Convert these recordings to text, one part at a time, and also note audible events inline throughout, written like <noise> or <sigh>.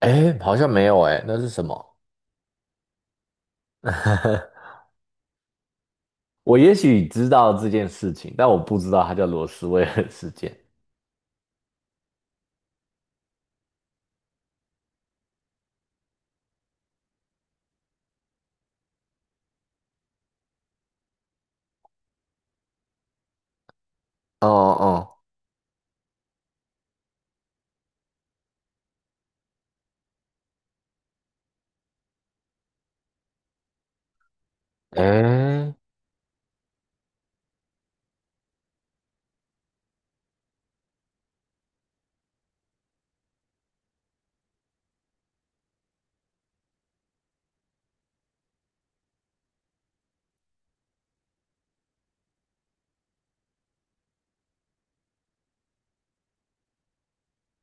哎，好像没有哎，那是什么？<laughs> 我也许知道这件事情，但我不知道它叫罗斯威尔事件。哦哦，哎，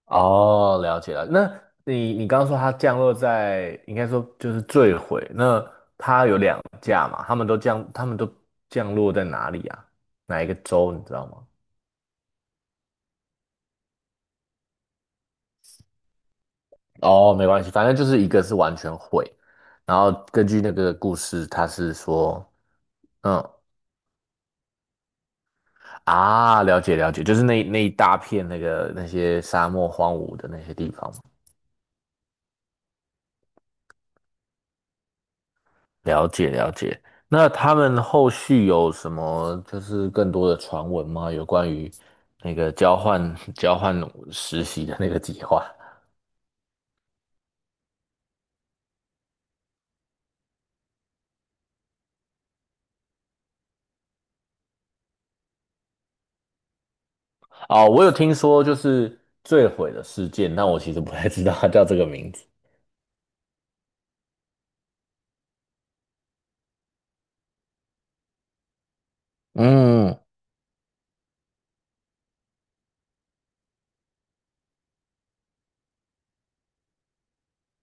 哦，了解了。那你刚刚说它降落在，应该说就是坠毁。那它有两架嘛？他们都降，他们都降落在哪里啊？哪一个州你知道吗？哦，没关系，反正就是一个是完全毁，然后根据那个故事，它是说，嗯。啊，了解了解，就是那一大片那个那些沙漠荒芜的那些地方嘛。了解了解。那他们后续有什么就是更多的传闻吗？有关于那个交换 <laughs> 交换实习的那个计划？哦，我有听说就是坠毁的事件，但我其实不太知道它叫这个名字。嗯，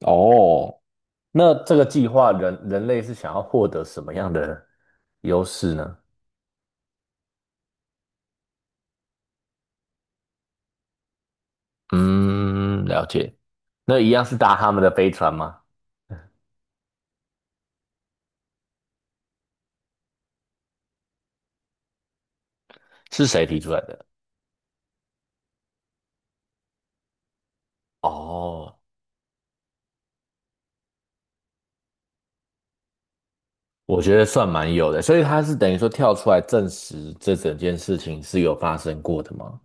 哦，那这个计划人类是想要获得什么样的优势呢？嗯，了解。那一样是搭他们的飞船吗？是谁提出来的？哦，我觉得算蛮有的，所以他是等于说跳出来证实这整件事情是有发生过的吗？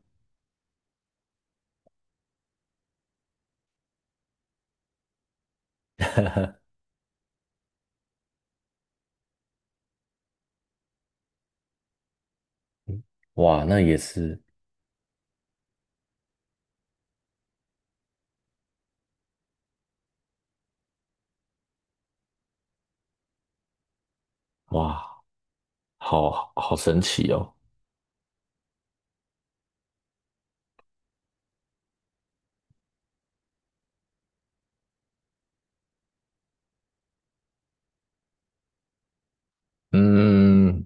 <laughs> 哇，那也是，哇，好好神奇哦。嗯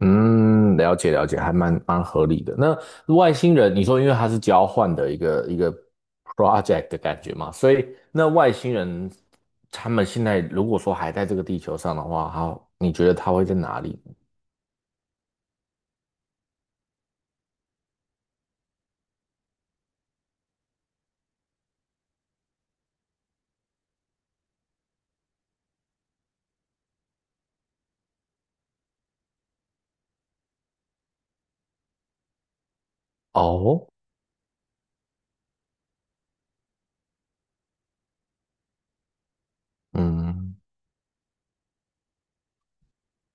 嗯，了解了解，还蛮合理的。那外星人，你说因为它是交换的一个一个 project 的感觉嘛，所以那外星人他们现在如果说还在这个地球上的话，好，你觉得他会在哪里？哦嗯，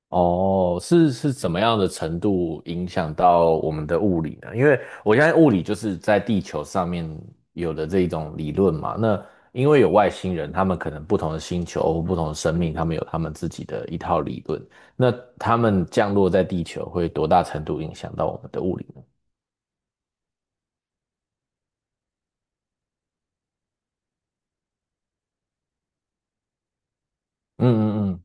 哦，是怎么样的程度影响到我们的物理呢？因为我相信物理就是在地球上面有的这一种理论嘛。那因为有外星人，他们可能不同的星球或不同的生命，他们有他们自己的一套理论。那他们降落在地球会多大程度影响到我们的物理呢？嗯嗯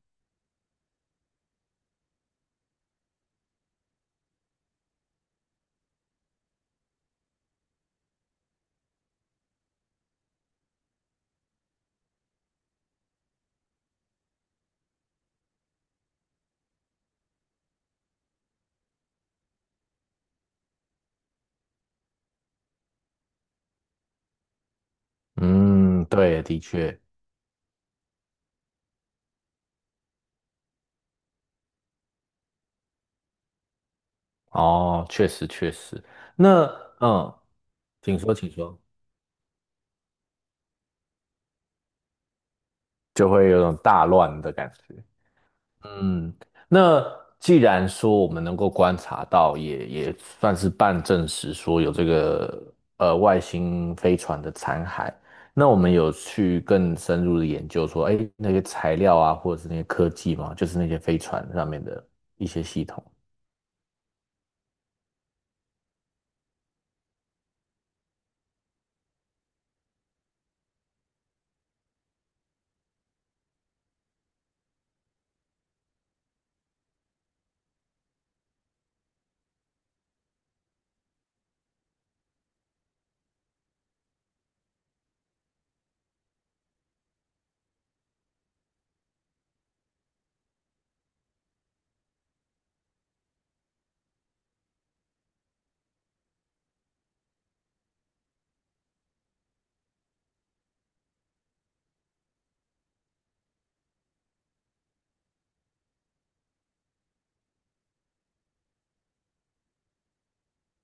嗯嗯，对，的确，哦，确实确实。那嗯，请说，请说，就会有种大乱的感觉。嗯，那既然说我们能够观察到，也算是半证实说有这个呃外星飞船的残骸，那我们有去更深入的研究说，哎，那些材料啊，或者是那些科技嘛，就是那些飞船上面的一些系统。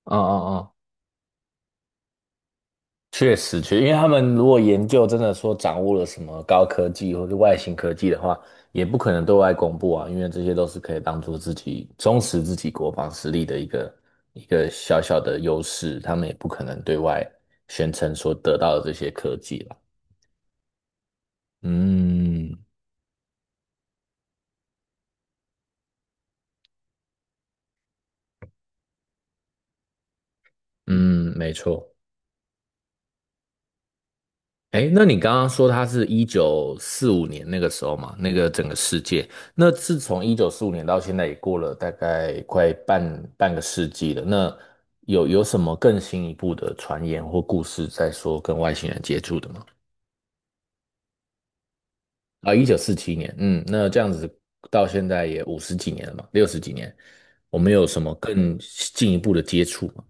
嗯嗯确实，确，因为他们如果研究真的说掌握了什么高科技或者外星科技的话，也不可能对外公布啊，因为这些都是可以当做自己充实自己国防实力的一个一个小小的优势，他们也不可能对外宣称所得到的这些科技了。嗯嗯，没错。哎，那你刚刚说他是一九四五年那个时候嘛，那个整个世界，那自从一九四五年到现在也过了大概快半个世纪了。那有什么更新一步的传言或故事在说跟外星人接触的吗？啊，1947年，嗯，那这样子到现在也五十几年了嘛，六十几年，我们有什么更进一步的接触吗？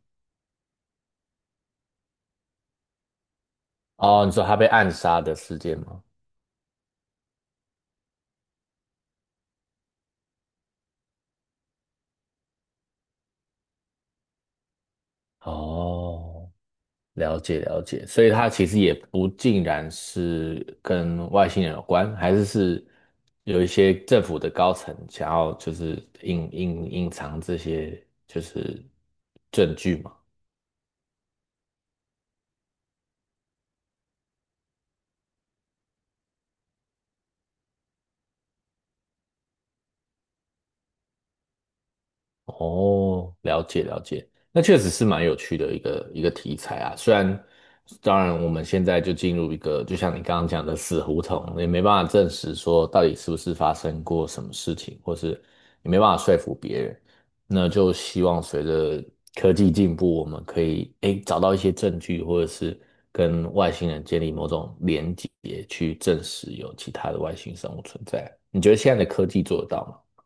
哦，你说他被暗杀的事件吗？哦，了解了解，所以它其实也不尽然是跟外星人有关，还是有一些政府的高层想要就是隐藏这些就是证据嘛。哦，了解了解，那确实是蛮有趣的一个一个题材啊。虽然，当然我们现在就进入一个，就像你刚刚讲的死胡同，也没办法证实说到底是不是发生过什么事情，或是也没办法说服别人。那就希望随着科技进步，我们可以诶找到一些证据，或者是跟外星人建立某种连结，去证实有其他的外星生物存在。你觉得现在的科技做得到吗？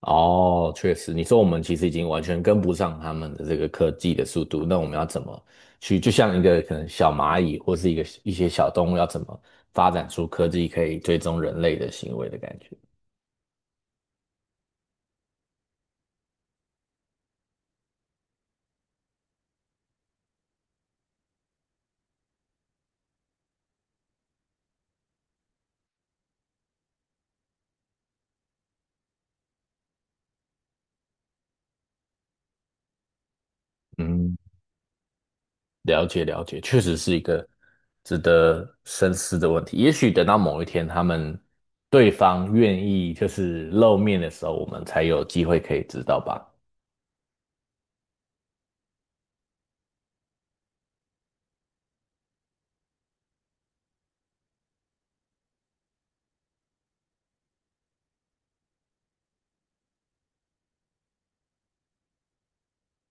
哦，确实，你说我们其实已经完全跟不上他们的这个科技的速度，那我们要怎么去，就像一个可能小蚂蚁或是一个一些小动物，要怎么发展出科技可以追踪人类的行为的感觉？嗯，了解了解，确实是一个值得深思的问题。也许等到某一天，他们对方愿意就是露面的时候，我们才有机会可以知道吧。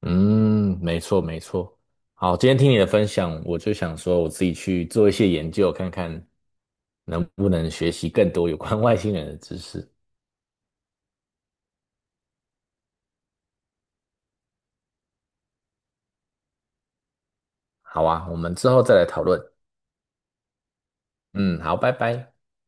嗯，没错没错。好，今天听你的分享，我就想说我自己去做一些研究，看看能不能学习更多有关外星人的知识。好啊，我们之后再来讨论。嗯，好，拜拜。